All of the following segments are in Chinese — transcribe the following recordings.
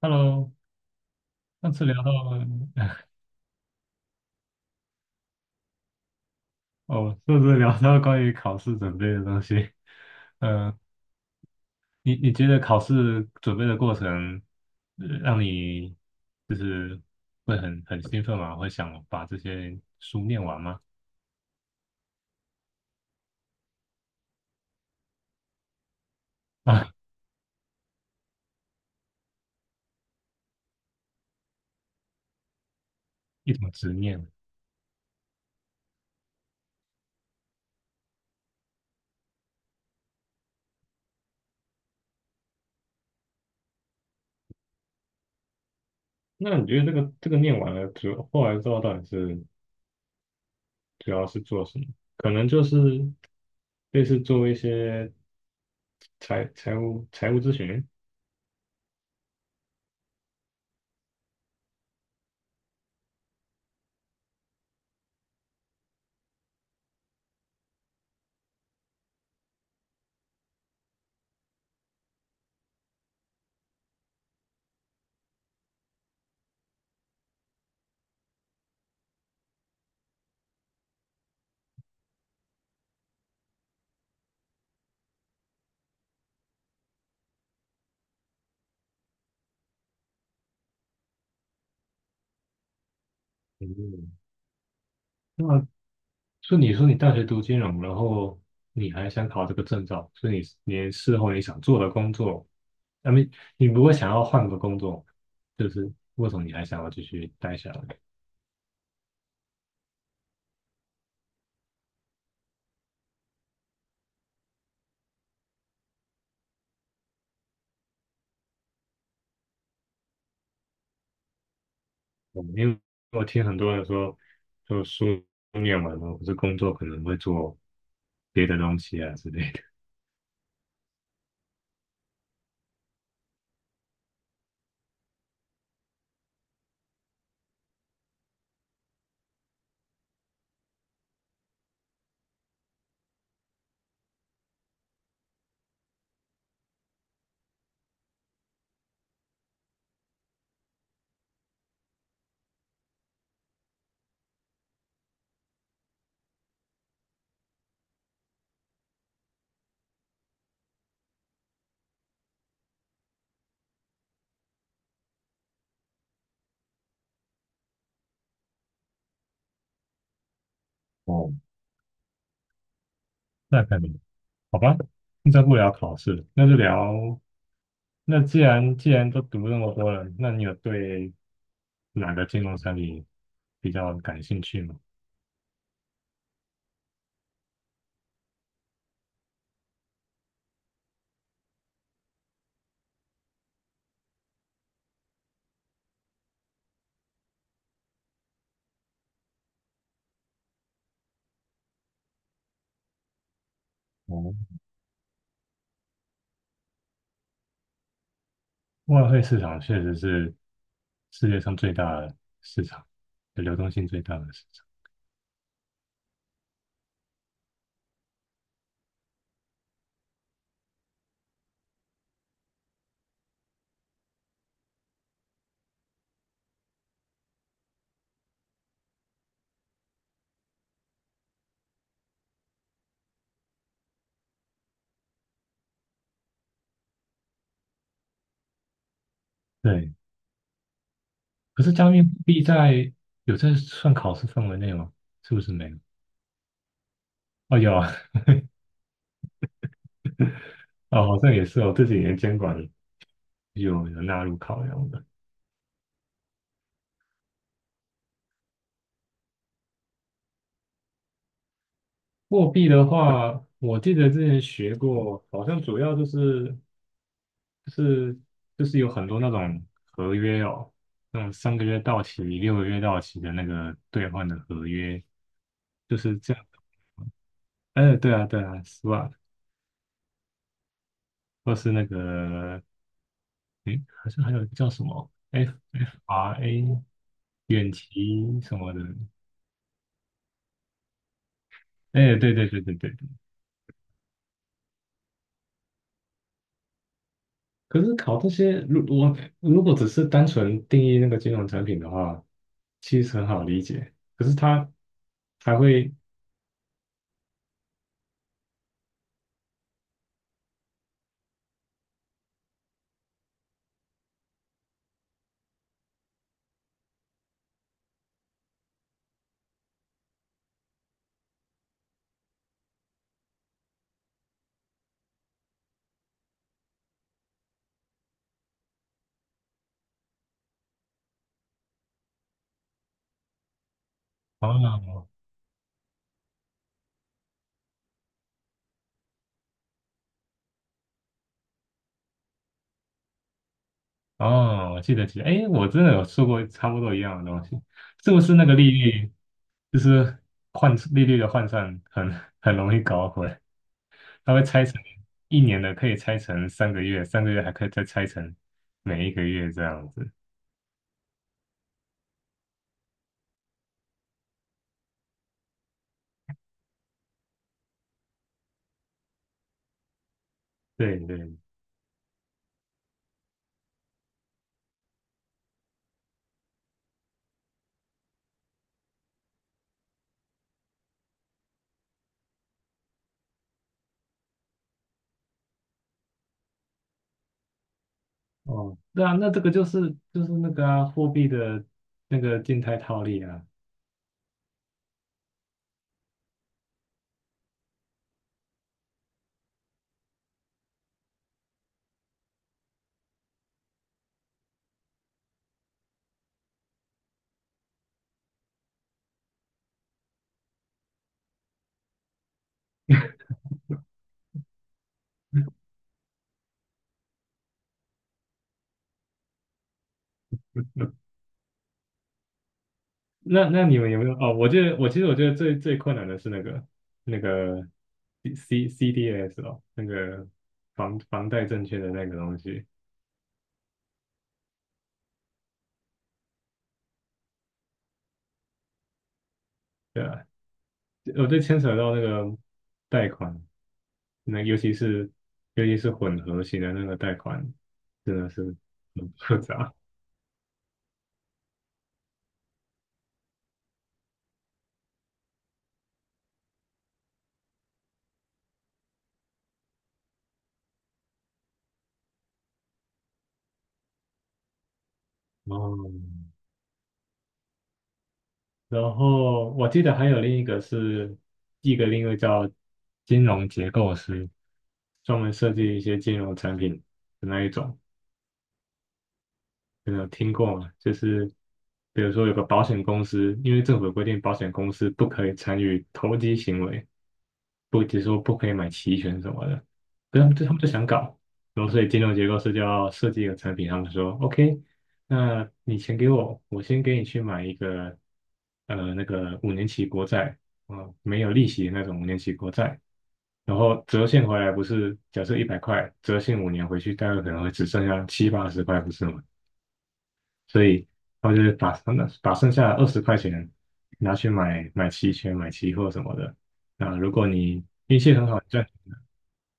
Hello，上次聊到哦，上次聊到关于考试准备的东西。嗯，你觉得考试准备的过程，让你就是会很兴奋吗？会想把这些书念完吗？啊，一种执念。那你觉得这个念完了之后，后来之后到底是主要是做什么？可能就是类似做一些财务咨询。嗯。那。所以你说你大学读金融，然后你还想考这个证照，所以你事后你想做的工作，那么你不会想要换个工作，就是为什么你还想要继续待下来？嗯，因为我听很多人说，就书念完了，或是工作可能会做别的东西啊之类的。哦，那肯定。好吧，那在不聊考试那就聊。那既然都读那么多了，那你有对哪个金融产品比较感兴趣吗？哦，外汇市场确实是世界上最大的市场，流动性最大的市场。对，可是加密货币在有在算考试范围内吗？是不是没有？哦，有啊。哦，好像也是哦。这几年监管有纳入考量的。货币的话，我记得之前学过，好像主要就是就是有很多那种合约哦，那种三个月到期、六个月到期的那个兑换的合约，就是这样。哎，对啊，对啊，SWOT，或是那个，诶，好像还有一个叫什么 FRA， 远期什么的，哎，对对对对对对。可是考这些，如果只是单纯定义那个金融产品的话，其实很好理解。可是它还会，哦哦，我记得，哎，我真的有说过差不多一样的东西，是不是那个利率，就是换利率的换算很容易搞混？它会拆成一年的可以拆成三个月，三个月还可以再拆成每一个月这样子。对对，哦，对啊，那这个就是那个啊，货币的那个静态套利啊。呃那你们有没有？哦，我其实我觉得最困难的是那个 C CDS 哦，那个房贷证券的那个东西。对吧？我就牵扯到那个贷款，那尤其是混合型的那个贷款，真的是很复杂。哦，然后我记得还有另一个是另一个叫金融结构师，专门设计一些金融产品的那一种。有没有听过吗，就是比如说有个保险公司，因为政府有规定，保险公司不可以参与投机行为。不，只是说不可以买期权什么的。可是他们就想搞，然后所以金融结构师就要设计一个产品，他们说 OK，那你钱给我，我先给你去买一个那个五年期国债，啊，没有利息的那种五年期国债。然后折现回来不是，假设一百块，折现五年回去，大概可能会只剩下七八十块，不是吗？所以他就会把剩下的二十块钱拿去买期权、买期货什么的。啊，如果你运气很好，你赚。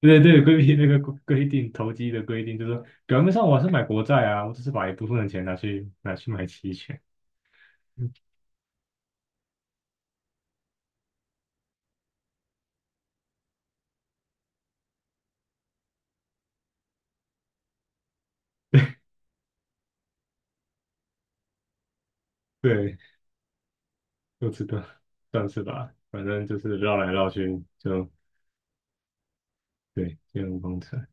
对对对，规避那个规定，投机的规定，就是说表面上我还是买国债啊，我只是把一部分的钱拿去买期权。对，就知道，算是吧，反正就是绕来绕去，就对，金融工程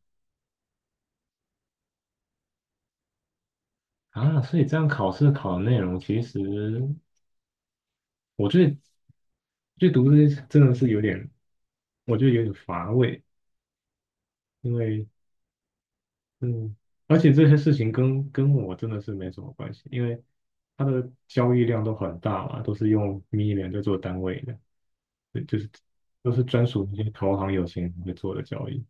啊。所以这样考试考的内容其实我最最就读这些真的是有点，我觉得有点乏味。因为嗯，而且这些事情跟我真的是没什么关系，因为它的交易量都很大嘛，都是用 million 在做单位的，对，就是都是专属那些投行有钱人会做的交易。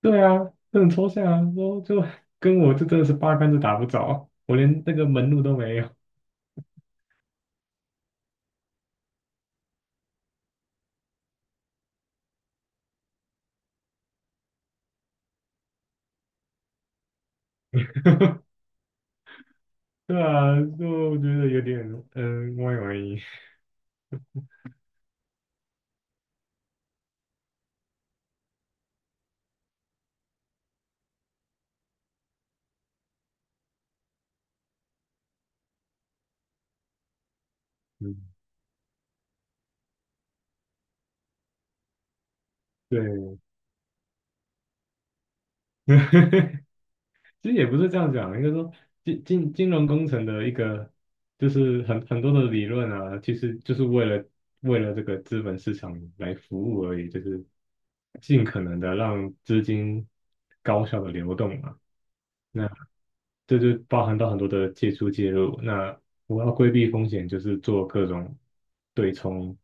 对啊，这很抽象啊，说就跟我这真的是八竿子打不着，我连那个门路都没有。对啊，就我觉得有点歪歪。嗯，对，其实也不是这样讲，应该说金融工程的一个就是很多的理论啊，其实就是为了这个资本市场来服务而已，就是尽可能的让资金高效的流动嘛。那。这就包含到很多的借出介入。那我要规避风险，就是做各种对冲。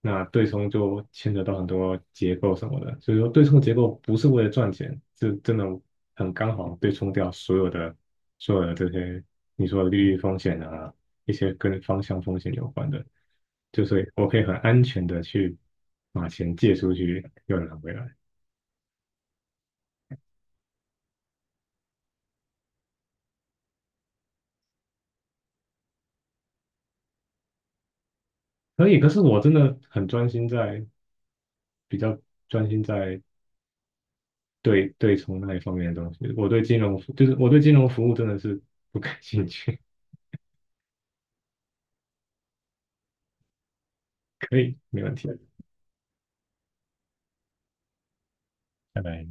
那对冲就牵扯到很多结构什么的，所以说对冲结构不是为了赚钱，是真的很刚好对冲掉所有的这些你说的利率风险啊，一些跟方向风险有关的，就是我可以很安全的去把钱借出去又拿回来。可以，可是我真的很专心在比较专心在对从那一方面的东西。我对金融服，就是我对金融服务真的是不感兴趣。可以，没问题。拜拜。